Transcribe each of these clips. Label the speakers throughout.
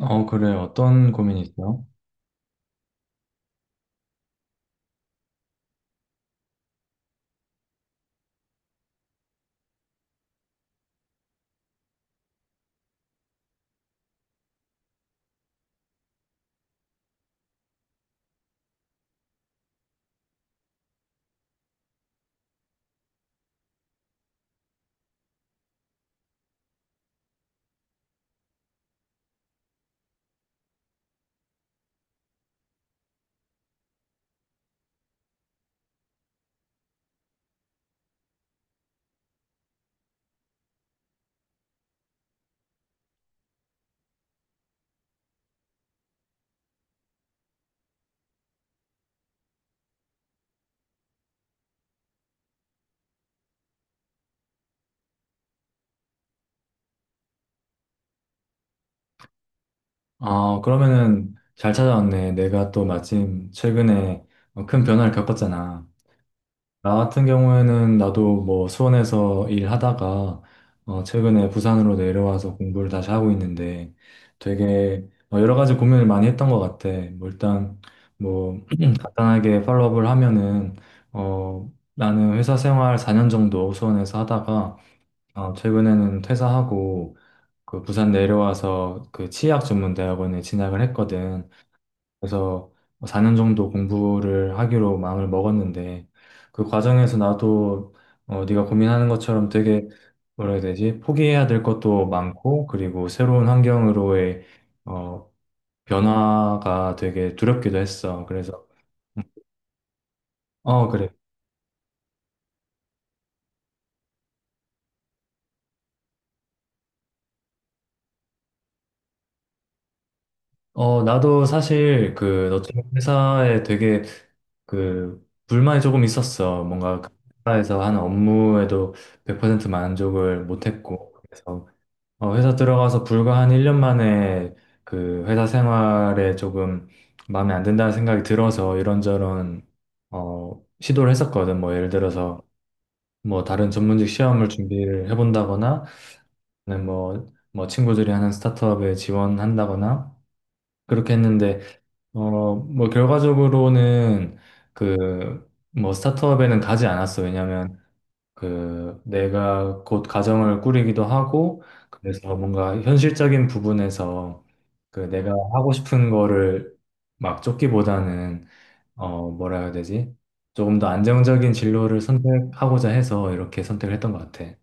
Speaker 1: 그래. 어떤 고민이 있어요? 아, 그러면은 잘 찾아왔네. 내가 또 마침 최근에 큰 변화를 겪었잖아. 나 같은 경우에는 나도 뭐 수원에서 일하다가 최근에 부산으로 내려와서 공부를 다시 하고 있는데 되게 여러 가지 고민을 많이 했던 것 같아. 뭐 일단 뭐 간단하게 팔로업을 하면은 어, 나는 회사 생활 4년 정도 수원에서 하다가 최근에는 퇴사하고 그 부산 내려와서 그 치의학 전문대학원에 진학을 했거든. 그래서 4년 정도 공부를 하기로 마음을 먹었는데 그 과정에서 나도 네가 고민하는 것처럼 되게 뭐라 해야 되지? 포기해야 될 것도 많고 그리고 새로운 환경으로의 어, 변화가 되게 두렵기도 했어. 그래서 어, 그래. 나도 사실 그 너처럼 회사에 되게 그 불만이 조금 있었어. 뭔가 그 회사에서 하는 업무에도 100% 만족을 못했고 그래서 회사 들어가서 불과 한 1년 만에 그 회사 생활에 조금 마음에 안 든다는 생각이 들어서 이런저런 시도를 했었거든. 뭐 예를 들어서 뭐 다른 전문직 시험을 준비를 해본다거나 아니면 뭐 친구들이 하는 스타트업에 지원한다거나 그렇게 했는데 뭐, 결과적으로는 그, 뭐, 스타트업에는 가지 않았어. 왜냐면, 그, 내가 곧 가정을 꾸리기도 하고, 그래서 뭔가 현실적인 부분에서 그 내가 하고 싶은 거를 막 쫓기보다는, 뭐라 해야 되지? 조금 더 안정적인 진로를 선택하고자 해서 이렇게 선택을 했던 것 같아.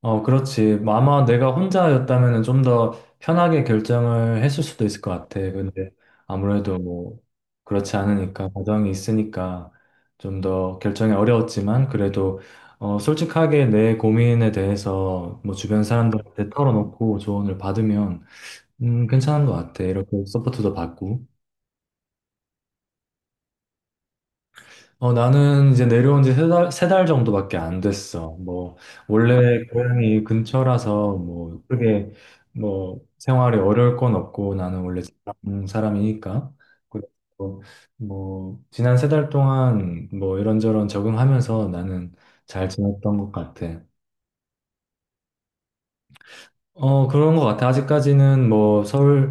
Speaker 1: 어, 그렇지. 뭐 아마 내가 혼자였다면 좀 더 편하게 결정을 했을 수도 있을 것 같아. 근데 아무래도 뭐 그렇지 않으니까, 가정이 있으니까 좀 더 결정이 어려웠지만 그래도 솔직하게 내 고민에 대해서 뭐 주변 사람들한테 털어놓고 조언을 받으면 괜찮은 것 같아. 이렇게 서포트도 받고. 나는 이제 내려온 지 세 달 정도밖에 안 됐어. 뭐, 원래 고향이 근처라서 뭐, 크게 뭐, 생활이 어려울 건 없고, 나는 원래 지방 사람이니까. 그래서 뭐, 지난 세 달 동안 뭐, 이런저런 적응하면서 나는 잘 지냈던 것 같아. 그런 것 같아. 아직까지는 뭐 서울에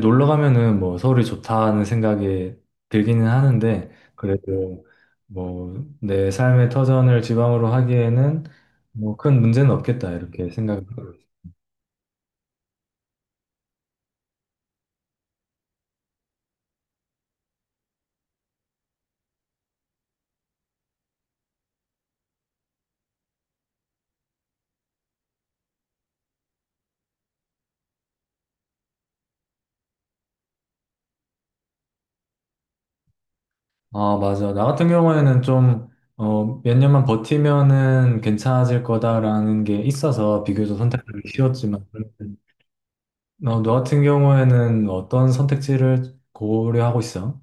Speaker 1: 놀러 가면은 뭐 서울이 좋다는 생각이 들기는 하는데, 그래도 뭐 내 삶의 터전을 지방으로 하기에는 뭐 큰 문제는 없겠다. 이렇게 생각을 하고 있어. 아, 맞아. 나 같은 경우에는 좀, 몇 년만 버티면은 괜찮아질 거다라는 게 있어서 비교적 선택하기 쉬웠지만, 너 같은 경우에는 어떤 선택지를 고려하고 있어?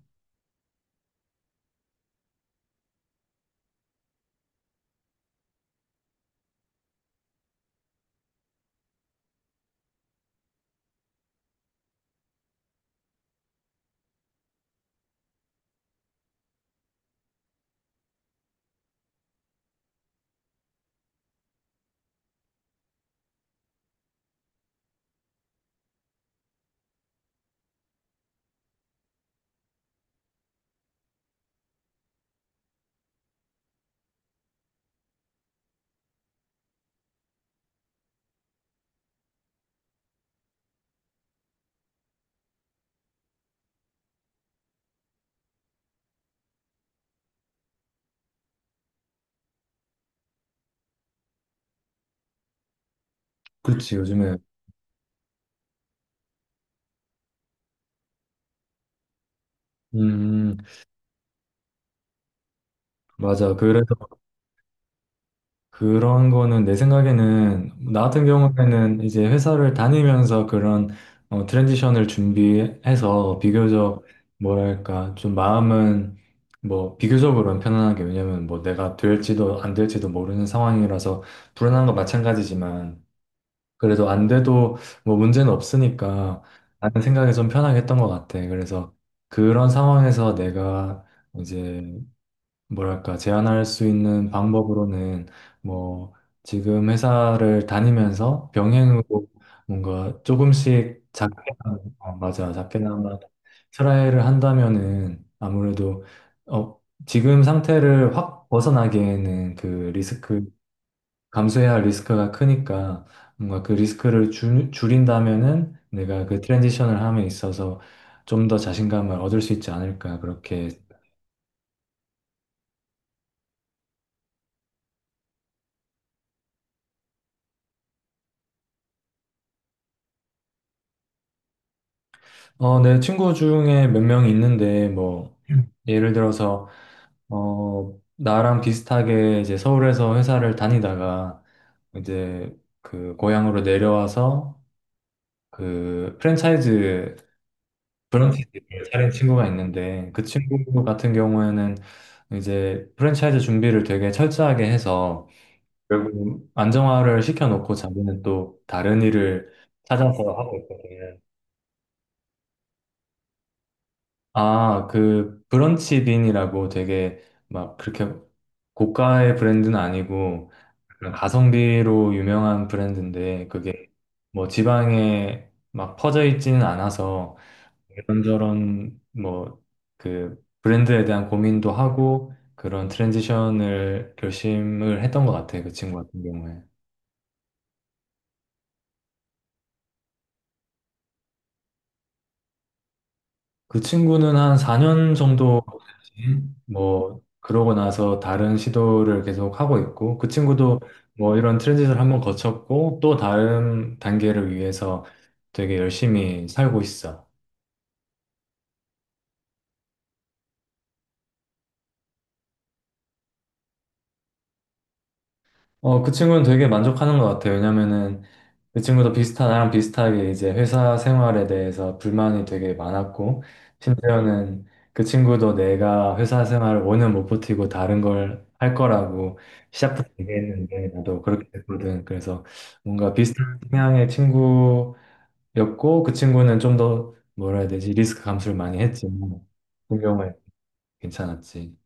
Speaker 1: 그치, 요즘에. 음. 맞아. 그래서 그런 거는 내 생각에는 나 같은 경우에는 이제 회사를 다니면서 그런 트랜지션을 준비해서 비교적 뭐랄까 좀 마음은 뭐 비교적으로는 편안하게 왜냐면 뭐 내가 될지도 안 될지도 모르는 상황이라서 불안한 건 마찬가지지만 그래도 안 돼도 뭐 문제는 없으니까 라는 생각이 좀 편하게 했던 것 같아. 그래서 그런 상황에서 내가 이제 뭐랄까, 제한할 수 있는 방법으로는 뭐 지금 회사를 다니면서 병행으로 뭔가 조금씩 작게나마, 어, 맞아, 작게나마 트라이를 한다면은 아무래도 어, 지금 상태를 확 벗어나기에는 그 리스크, 감수해야 할 리스크가 크니까 뭔가 그 리스크를 줄인다면은 내가 그 트랜지션을 함에 있어서 좀 더 자신감을 얻을 수 있지 않을까 그렇게 내 친구 중에 몇 명이 있는데, 뭐, 예를 들어서, 나랑 비슷하게 이제 서울에서 회사를 다니다가, 이제 그 고향으로 내려와서 그 프랜차이즈 브런치를 차린 친구가 있는데, 그 친구 같은 경우에는 이제 프랜차이즈 준비를 되게 철저하게 해서, 결국 안정화를 시켜놓고 자기는 또 다른 일을 찾아서 하고 있거든. 아, 그 브런치 빈이라고 되게 막 그렇게 고가의 브랜드는 아니고 약간 가성비로 유명한 브랜드인데 그게 뭐 지방에 막 퍼져 있지는 않아서 이런저런 뭐 그 브랜드에 대한 고민도 하고 그런 트랜지션을 결심을 했던 것 같아요. 그 친구 같은 경우에. 그 친구는 한 4년 정도 뭐 그러고 나서 다른 시도를 계속 하고 있고 그 친구도 뭐 이런 트랜짓을 한번 거쳤고 또 다른 단계를 위해서 되게 열심히 살고 있어. 그 친구는 되게 만족하는 것 같아요. 왜냐면은 그 친구도 비슷한, 나랑 비슷하게 이제 회사 생활에 대해서 불만이 되게 많았고, 심지어는 그 친구도 내가 회사 생활을 5년 못 버티고 다른 걸 할 거라고 시작부터 얘기했는데, 나도 그렇게 됐거든. 그래서 뭔가 비슷한 성향의 친구였고, 그 친구는 좀 더, 뭐라 해야 되지, 리스크 감수를 많이 했지만, 분명히 괜찮았지.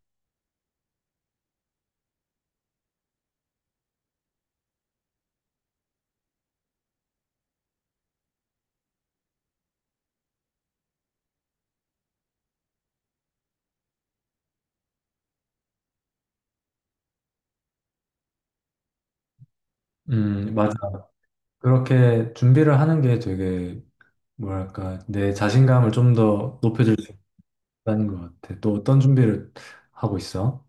Speaker 1: 맞아. 그렇게 준비를 하는 게 되게 뭐랄까, 내 자신감을 좀 더 높여줄 수 있다는 것 같아. 또 어떤 준비를 하고 있어?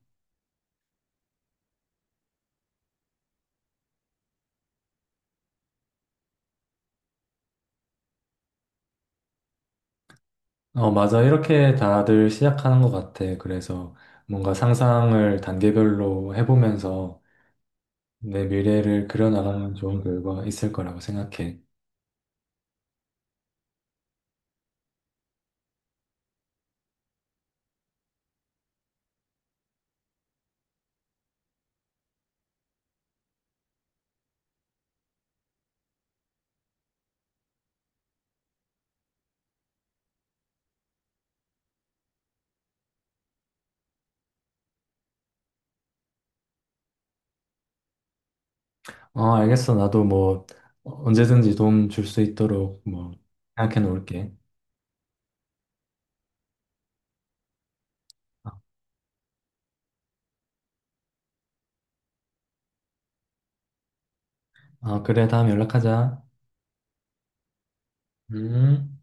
Speaker 1: 어, 맞아. 이렇게 다들 시작하는 것 같아. 그래서 뭔가 상상을 단계별로 해보면서 내 미래를 그려나가면 좋은 결과 있을 거라고 생각해. 어, 알겠어. 나도 뭐 언제든지 도움 줄 수 있도록 뭐 생각해 놓을게. 아, 그래. 다음에 연락하자. 음.